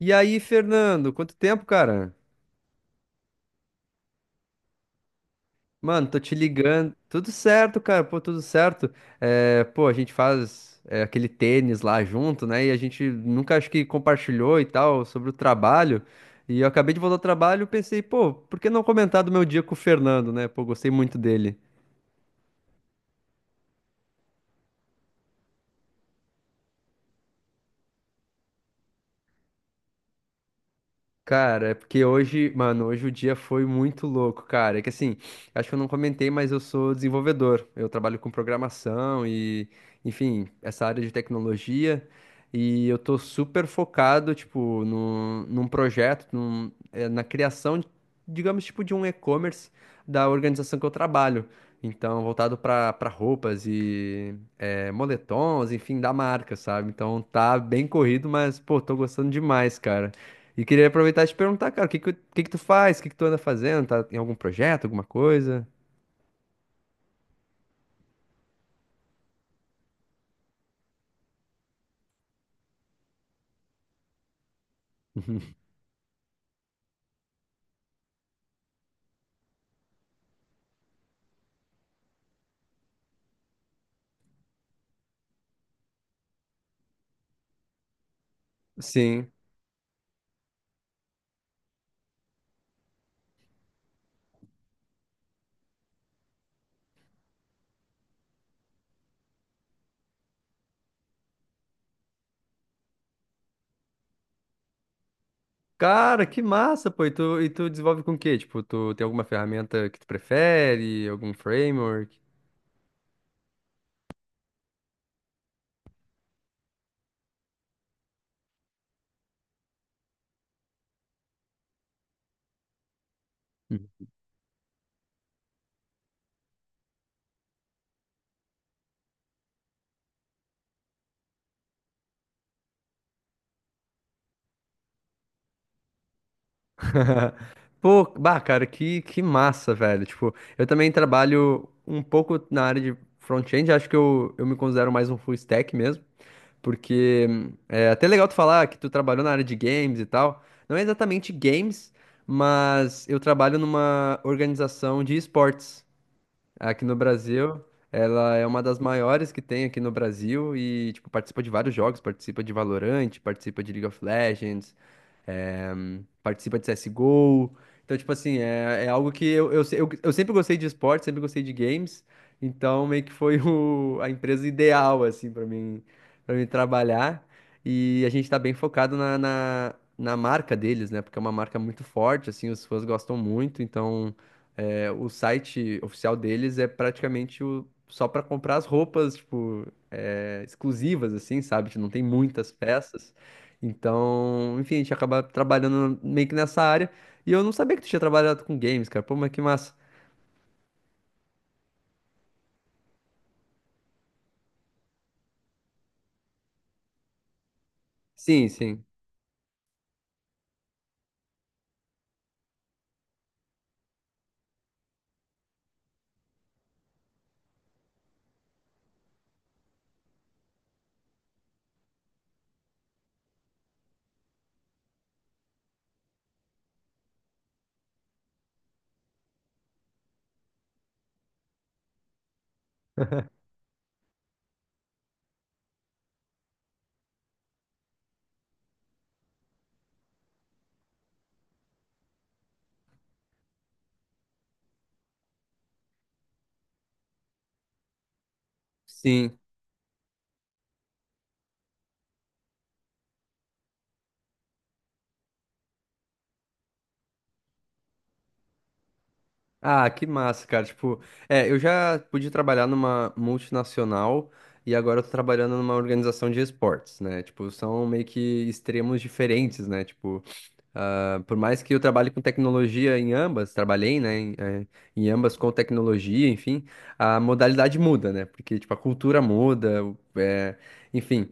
E aí, Fernando, quanto tempo, cara? Mano, tô te ligando. Tudo certo, cara, pô, tudo certo. É, pô, a gente faz é, aquele tênis lá junto, né? E a gente nunca acho que compartilhou e tal sobre o trabalho. E eu acabei de voltar ao trabalho e pensei, pô, por que não comentar do meu dia com o Fernando, né? Pô, gostei muito dele. Cara, é porque hoje, mano, hoje o dia foi muito louco, cara. É que assim, acho que eu não comentei, mas eu sou desenvolvedor. Eu trabalho com programação e, enfim, essa área de tecnologia. E eu tô super focado, tipo, no num projeto, na criação, digamos, tipo, de um e-commerce da organização que eu trabalho. Então, voltado pra roupas e moletons, enfim, da marca, sabe? Então tá bem corrido, mas, pô, tô gostando demais, cara. E queria aproveitar e te perguntar, cara, o que que tu faz? O que que tu anda fazendo? Tá em algum projeto, alguma coisa? Sim. Cara, que massa, pô. E tu desenvolve com o quê? Tipo, tu tem alguma ferramenta que tu prefere? Algum framework? Uhum. Pô, bah, cara, que massa, velho. Tipo, eu também trabalho um pouco na área de front-end. Acho que eu me considero mais um full stack mesmo. Porque é até é legal tu falar que tu trabalhou na área de games e tal. Não é exatamente games, mas eu trabalho numa organização de esportes aqui no Brasil. Ela é uma das maiores que tem aqui no Brasil e, tipo, participa de vários jogos, participa de Valorant, participa de League of Legends, é, participa de CSGO. Então, tipo assim, é algo que eu, se- eu sempre gostei de esporte, sempre gostei de games. Então, meio que foi a empresa ideal, assim, para mim trabalhar. E a gente tá bem focado na marca deles, né? Porque é uma marca muito forte, assim, os fãs gostam muito. Então, o site oficial deles é praticamente só para comprar as roupas, tipo, exclusivas, assim, sabe? Tipo, não tem muitas peças. Então, enfim, a gente acaba trabalhando meio que nessa área. E eu não sabia que tu tinha trabalhado com games, cara. Pô, mas que massa. Sim, sim, sim. Ah, que massa, cara. Tipo, eu já pude trabalhar numa multinacional e agora eu tô trabalhando numa organização de esportes, né? Tipo, são meio que extremos diferentes, né? Tipo, ah, por mais que eu trabalhe com tecnologia em ambas, trabalhei, né, em ambas com tecnologia, enfim, a modalidade muda, né? Porque, tipo, a cultura muda, enfim.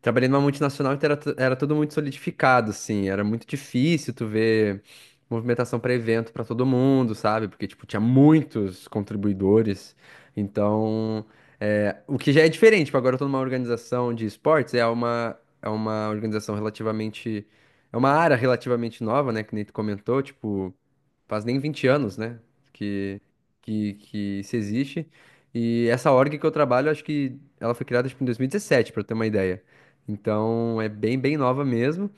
Trabalhei numa multinacional que era tudo muito solidificado, assim. Era muito difícil tu ver movimentação para evento para todo mundo, sabe? Porque, tipo, tinha muitos contribuidores. Então, o que já é diferente. Tipo, agora eu tô numa organização de esportes, é uma organização relativamente... É uma área relativamente nova, né? Que nem tu comentou, tipo, faz nem 20 anos, né? Que, que isso existe. E essa org que eu trabalho, acho que ela foi criada, tipo, em 2017, para ter uma ideia. Então é bem, bem nova mesmo.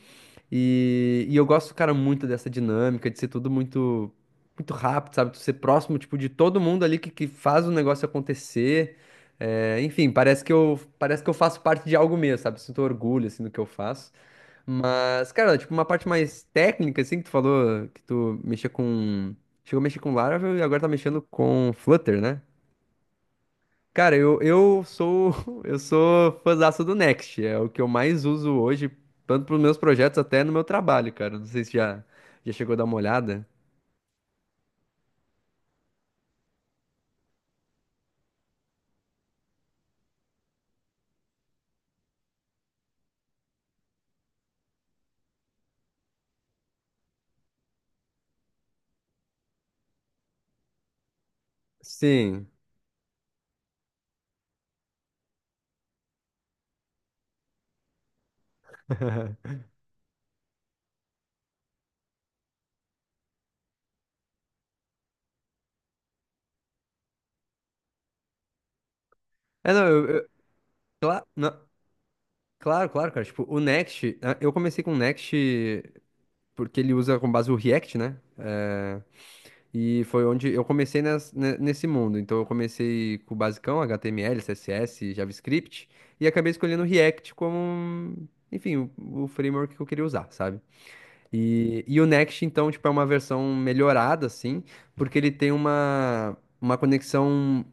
E eu gosto, cara, muito dessa dinâmica de ser tudo muito, muito rápido, sabe? Tu ser próximo, tipo, de todo mundo ali que faz o negócio acontecer. É, enfim, parece que eu faço parte de algo mesmo, sabe? Sinto orgulho, assim, do que eu faço. Mas, cara, tipo, uma parte mais técnica, assim, que tu falou que tu mexia com... Chegou a mexer com Laravel e agora tá mexendo com Flutter, né? Cara, eu sou eu sou fãzaço do Next, é o que eu mais uso hoje, tanto para os meus projetos até no meu trabalho, cara. Não sei se já chegou a dar uma olhada. Sim. É, não, não, claro, claro, cara. Tipo, o Next, eu comecei com o Next porque ele usa com base o React, né? É, e foi onde eu comecei nesse mundo. Então eu comecei com o basicão, HTML, CSS, JavaScript, e acabei escolhendo o React como, enfim, o framework que eu queria usar, sabe? E o Next, então, tipo, é uma versão melhorada, assim, porque ele tem uma conexão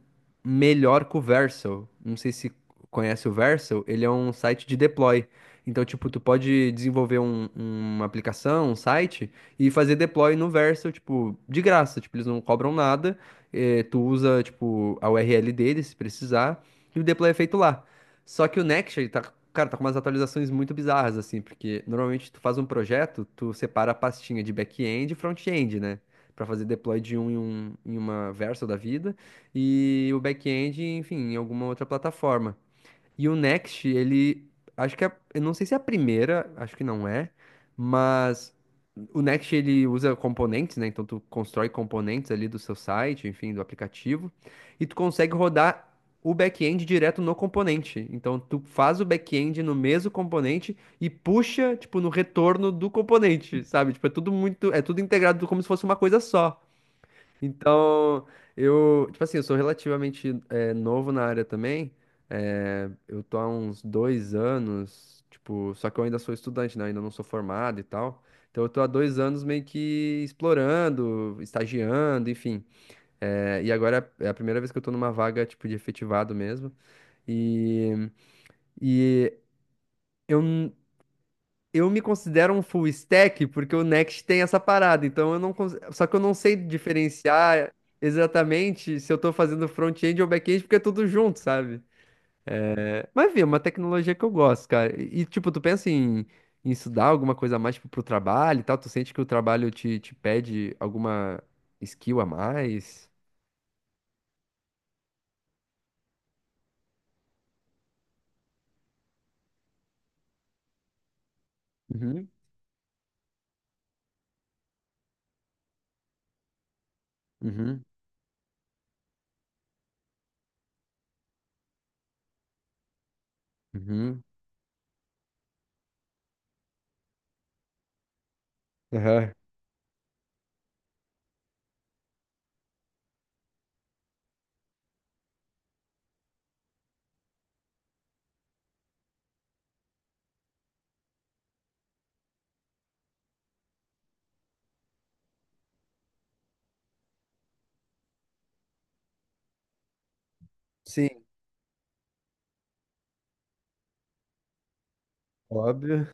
melhor com o Vercel. Não sei se conhece o Vercel, ele é um site de deploy. Então, tipo, tu pode desenvolver uma aplicação, um site, e fazer deploy no Vercel, tipo, de graça. Tipo, eles não cobram nada, tu usa, tipo, a URL deles, se precisar, e o deploy é feito lá. Só que o Next, ele tá, cara, tá com umas atualizações muito bizarras, assim, porque normalmente tu faz um projeto, tu separa a pastinha de back-end e front-end, né? Pra fazer deploy de um em uma Vercel da vida e o back-end, enfim, em alguma outra plataforma. E o Next, ele. Acho que é. Eu não sei se é a primeira, acho que não é. Mas o Next ele usa componentes, né? Então tu constrói componentes ali do seu site, enfim, do aplicativo. E tu consegue rodar o back-end direto no componente. Então tu faz o back-end no mesmo componente e puxa, tipo, no retorno do componente, sabe? Tipo, é tudo muito. É tudo integrado como se fosse uma coisa só. Então, eu, tipo assim, eu sou relativamente novo na área também. É, eu tô há uns 2 anos, tipo, só que eu ainda sou estudante, né? Ainda não sou formado e tal. Então, eu tô há 2 anos meio que explorando, estagiando, enfim. É, e agora é a primeira vez que eu tô numa vaga, tipo, de efetivado mesmo. E, e eu, eu me considero um full stack porque o Next tem essa parada, então eu não cons- só que eu não sei diferenciar exatamente se eu tô fazendo front-end ou back-end porque é tudo junto, sabe? Mas enfim, é uma tecnologia que eu gosto, cara. E, tipo, tu pensa em, estudar alguma coisa a mais tipo, pro trabalho e tal? Tu sente que o trabalho te pede alguma skill a mais? Uhum, uhum, uhum. Aham. Sim, óbvio.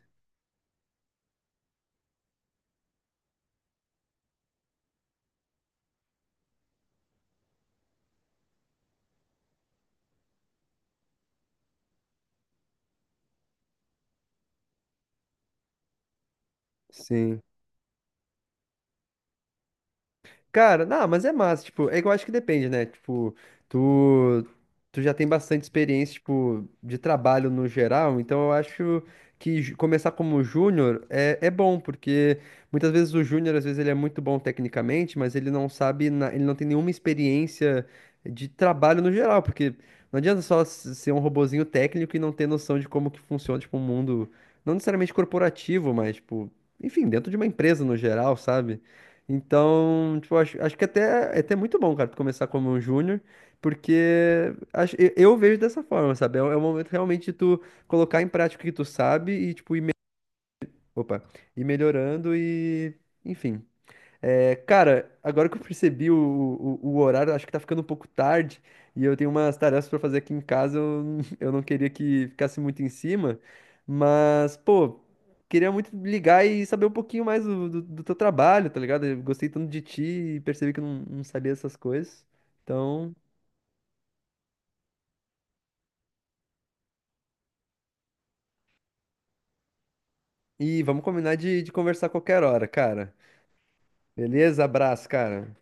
Sim. Cara, não, mas é massa, tipo, é que eu acho que depende, né? Tipo, tu, tu já tem bastante experiência, tipo, de trabalho no geral, então eu acho que começar como júnior é bom, porque muitas vezes o júnior, às vezes ele é muito bom tecnicamente, mas ele não sabe, ele não tem nenhuma experiência de trabalho no geral, porque não adianta só ser um robozinho técnico e não ter noção de como que funciona, tipo, um mundo, não necessariamente corporativo, mas, tipo, enfim, dentro de uma empresa no geral, sabe? Então, tipo, é até muito bom, cara, tu começar como um júnior, porque eu vejo dessa forma, sabe? É, é o momento realmente de tu colocar em prática o que tu sabe e, tipo, opa, ir melhorando e, enfim. É, cara, agora que eu percebi o horário, acho que tá ficando um pouco tarde e eu tenho umas tarefas pra fazer aqui em casa. Eu não queria que ficasse muito em cima, mas, pô, queria muito ligar e saber um pouquinho mais do teu trabalho, tá ligado? Eu gostei tanto de ti e percebi que eu não sabia essas coisas. Então, e vamos combinar de conversar a qualquer hora, cara. Beleza? Abraço, cara.